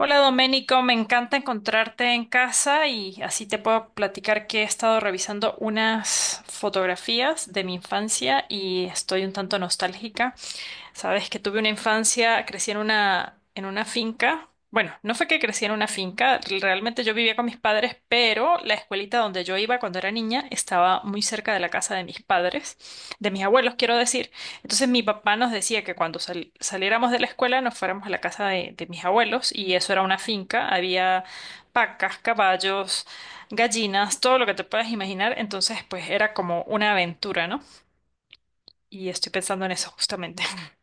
Hola Doménico, me encanta encontrarte en casa y así te puedo platicar que he estado revisando unas fotografías de mi infancia y estoy un tanto nostálgica. Sabes que tuve una infancia, crecí en una finca. Bueno, no fue que crecí en una finca, realmente yo vivía con mis padres, pero la escuelita donde yo iba cuando era niña estaba muy cerca de la casa de mis padres, de mis abuelos, quiero decir. Entonces mi papá nos decía que cuando saliéramos de la escuela nos fuéramos a la casa de mis abuelos y eso era una finca, había vacas, caballos, gallinas, todo lo que te puedas imaginar. Entonces, pues era como una aventura, ¿no? Y estoy pensando en eso justamente.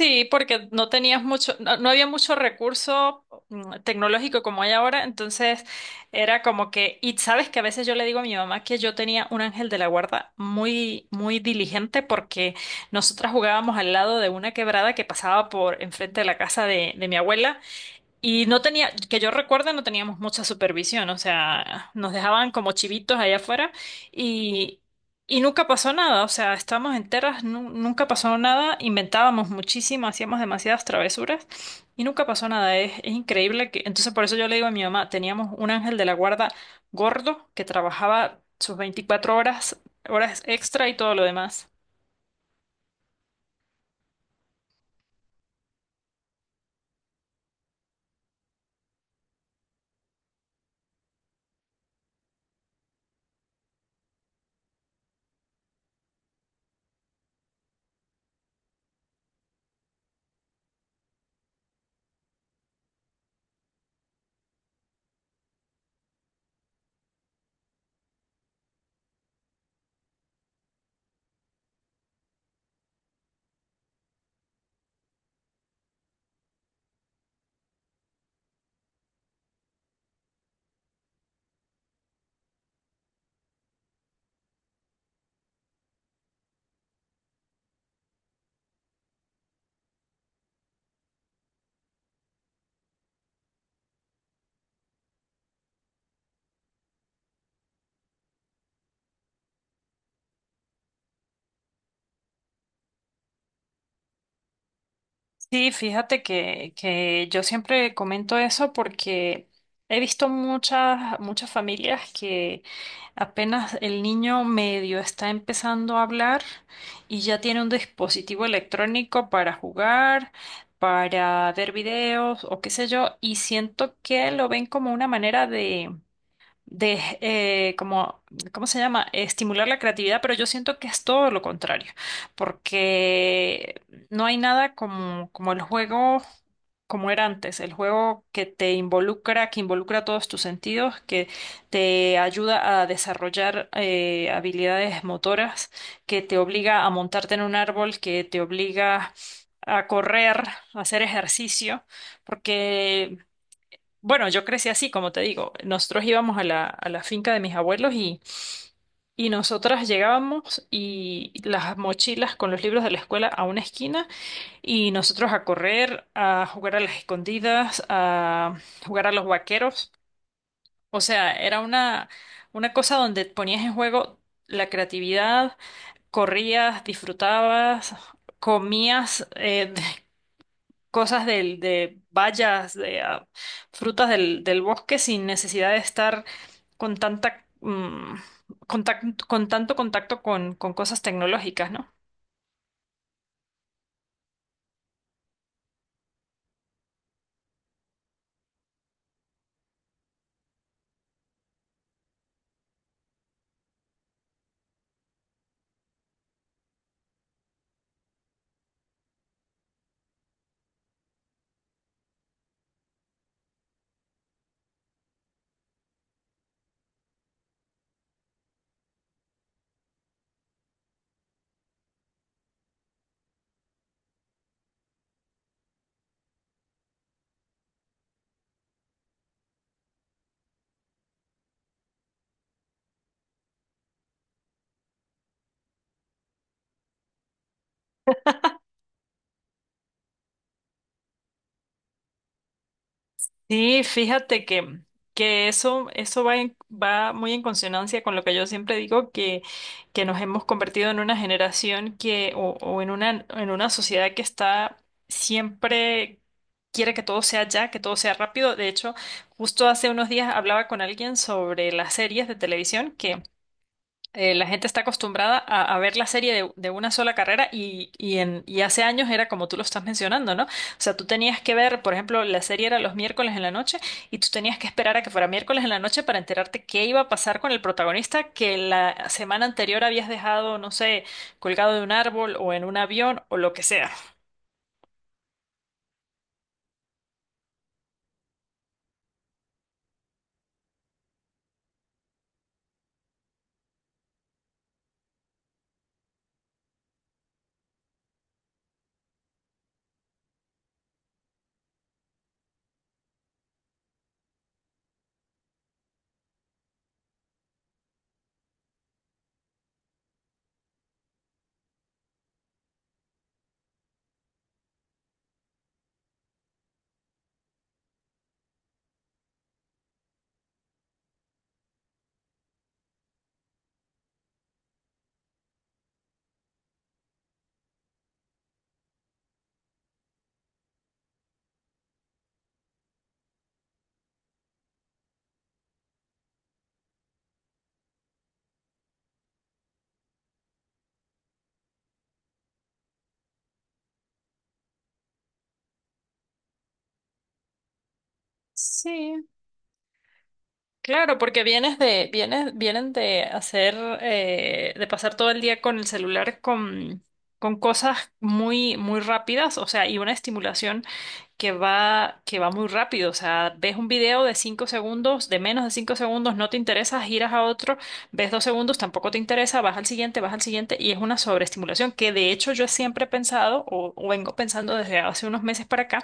Sí, porque no tenías mucho, no, no había mucho recurso tecnológico como hay ahora, entonces era como que, y sabes que a veces yo le digo a mi mamá que yo tenía un ángel de la guarda muy, muy diligente porque nosotras jugábamos al lado de una quebrada que pasaba por enfrente de la casa de mi abuela y no tenía, que yo recuerdo, no teníamos mucha supervisión, o sea, nos dejaban como chivitos allá afuera y, y nunca pasó nada, o sea, estábamos enteras, nunca pasó nada, inventábamos muchísimo, hacíamos demasiadas travesuras y nunca pasó nada, es increíble que, entonces por eso yo le digo a mi mamá, teníamos un ángel de la guarda gordo que trabajaba sus 24 horas, horas extra y todo lo demás. Sí, fíjate que yo siempre comento eso porque he visto muchas, muchas familias que apenas el niño medio está empezando a hablar y ya tiene un dispositivo electrónico para jugar, para ver videos o qué sé yo, y siento que lo ven como una manera de como, ¿cómo se llama? Estimular la creatividad, pero yo siento que es todo lo contrario, porque no hay nada como, como el juego como era antes, el juego que te involucra, que involucra todos tus sentidos, que te ayuda a desarrollar habilidades motoras, que te obliga a montarte en un árbol, que te obliga a correr, a hacer ejercicio, porque bueno, yo crecí así, como te digo. Nosotros íbamos a la finca de mis abuelos y nosotras llegábamos y las mochilas con los libros de la escuela a una esquina y nosotros a correr, a jugar a las escondidas, a jugar a los vaqueros. O sea, era una cosa donde ponías en juego la creatividad, corrías, disfrutabas, comías. Cosas del, de bayas, de frutas del, del bosque sin necesidad de estar con tanta, con tanto contacto con cosas tecnológicas, ¿no? Sí, fíjate que eso va, va muy en consonancia con lo que yo siempre digo, que nos hemos convertido en una generación que, o en una sociedad que está siempre quiere que todo sea ya, que todo sea rápido. De hecho, justo hace unos días hablaba con alguien sobre las series de televisión la gente está acostumbrada a ver la serie de una sola carrera y, en, y hace años era como tú lo estás mencionando, ¿no? O sea, tú tenías que ver, por ejemplo, la serie era los miércoles en la noche y tú tenías que esperar a que fuera miércoles en la noche para enterarte qué iba a pasar con el protagonista que la semana anterior habías dejado, no sé, colgado de un árbol o en un avión o lo que sea. Sí, claro, porque vienes de, vienes, vienen de hacer, de pasar todo el día con el celular con cosas muy, muy rápidas, o sea, y una estimulación que va muy rápido. O sea, ves un video de cinco segundos, de menos de cinco segundos, no te interesa, giras a otro, ves dos segundos, tampoco te interesa, vas al siguiente, y es una sobreestimulación que de hecho yo siempre he pensado, o vengo pensando desde hace unos meses para acá,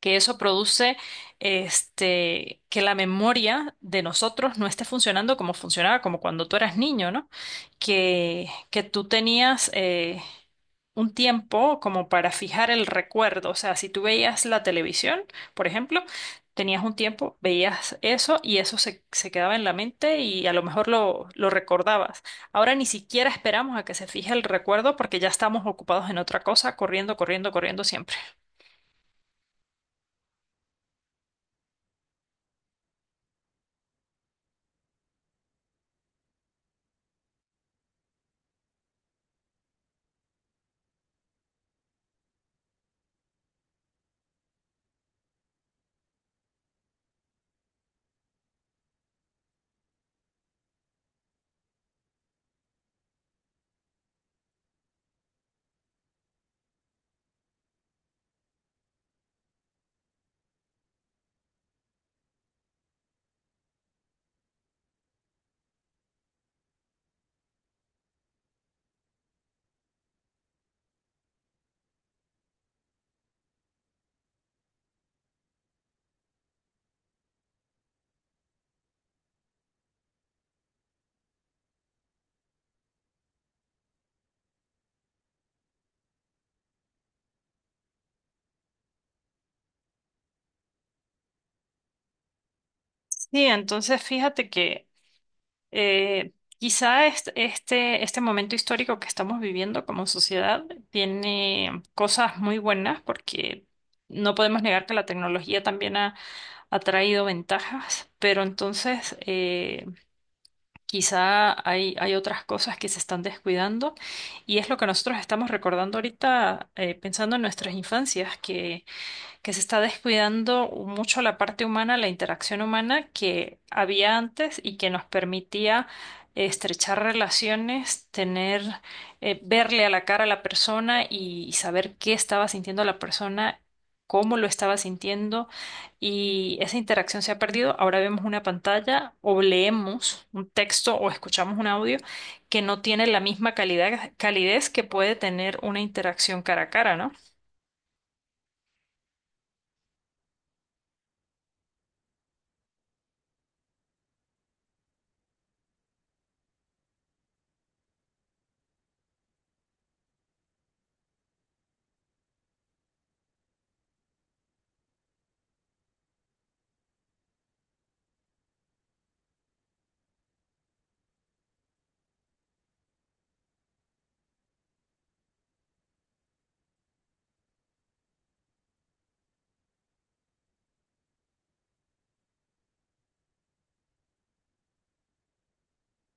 que eso produce este, que la memoria de nosotros no esté funcionando como funcionaba, como cuando tú eras niño, ¿no? Que tú tenías un tiempo como para fijar el recuerdo. O sea, si tú veías la televisión, por ejemplo, tenías un tiempo, veías eso y eso se, se quedaba en la mente y a lo mejor lo recordabas. Ahora ni siquiera esperamos a que se fije el recuerdo porque ya estamos ocupados en otra cosa, corriendo, corriendo, corriendo siempre. Sí, entonces fíjate que eh, quizá este, este momento histórico que estamos viviendo como sociedad tiene cosas muy buenas porque no podemos negar que la tecnología también ha, ha traído ventajas, pero entonces quizá hay, hay otras cosas que se están descuidando y es lo que nosotros estamos recordando ahorita pensando en nuestras infancias, que se está descuidando mucho la parte humana, la interacción humana que había antes y que nos permitía estrechar relaciones, tener, verle a la cara a la persona y saber qué estaba sintiendo la persona, cómo lo estaba sintiendo y esa interacción se ha perdido. Ahora vemos una pantalla o leemos un texto o escuchamos un audio que no tiene la misma calidad, calidez que puede tener una interacción cara a cara, ¿no?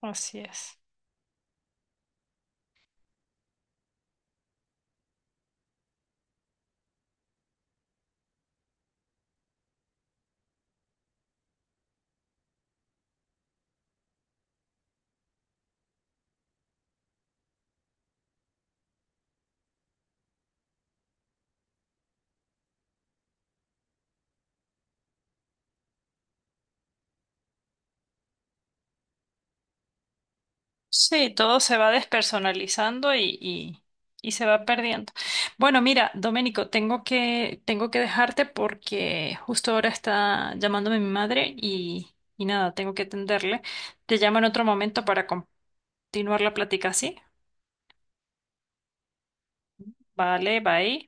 Así es. Sí, todo se va despersonalizando y se va perdiendo. Bueno, mira, Doménico, tengo que dejarte porque justo ahora está llamándome mi madre y nada, tengo que atenderle. Te llamo en otro momento para continuar la plática, ¿sí? Vale, bye.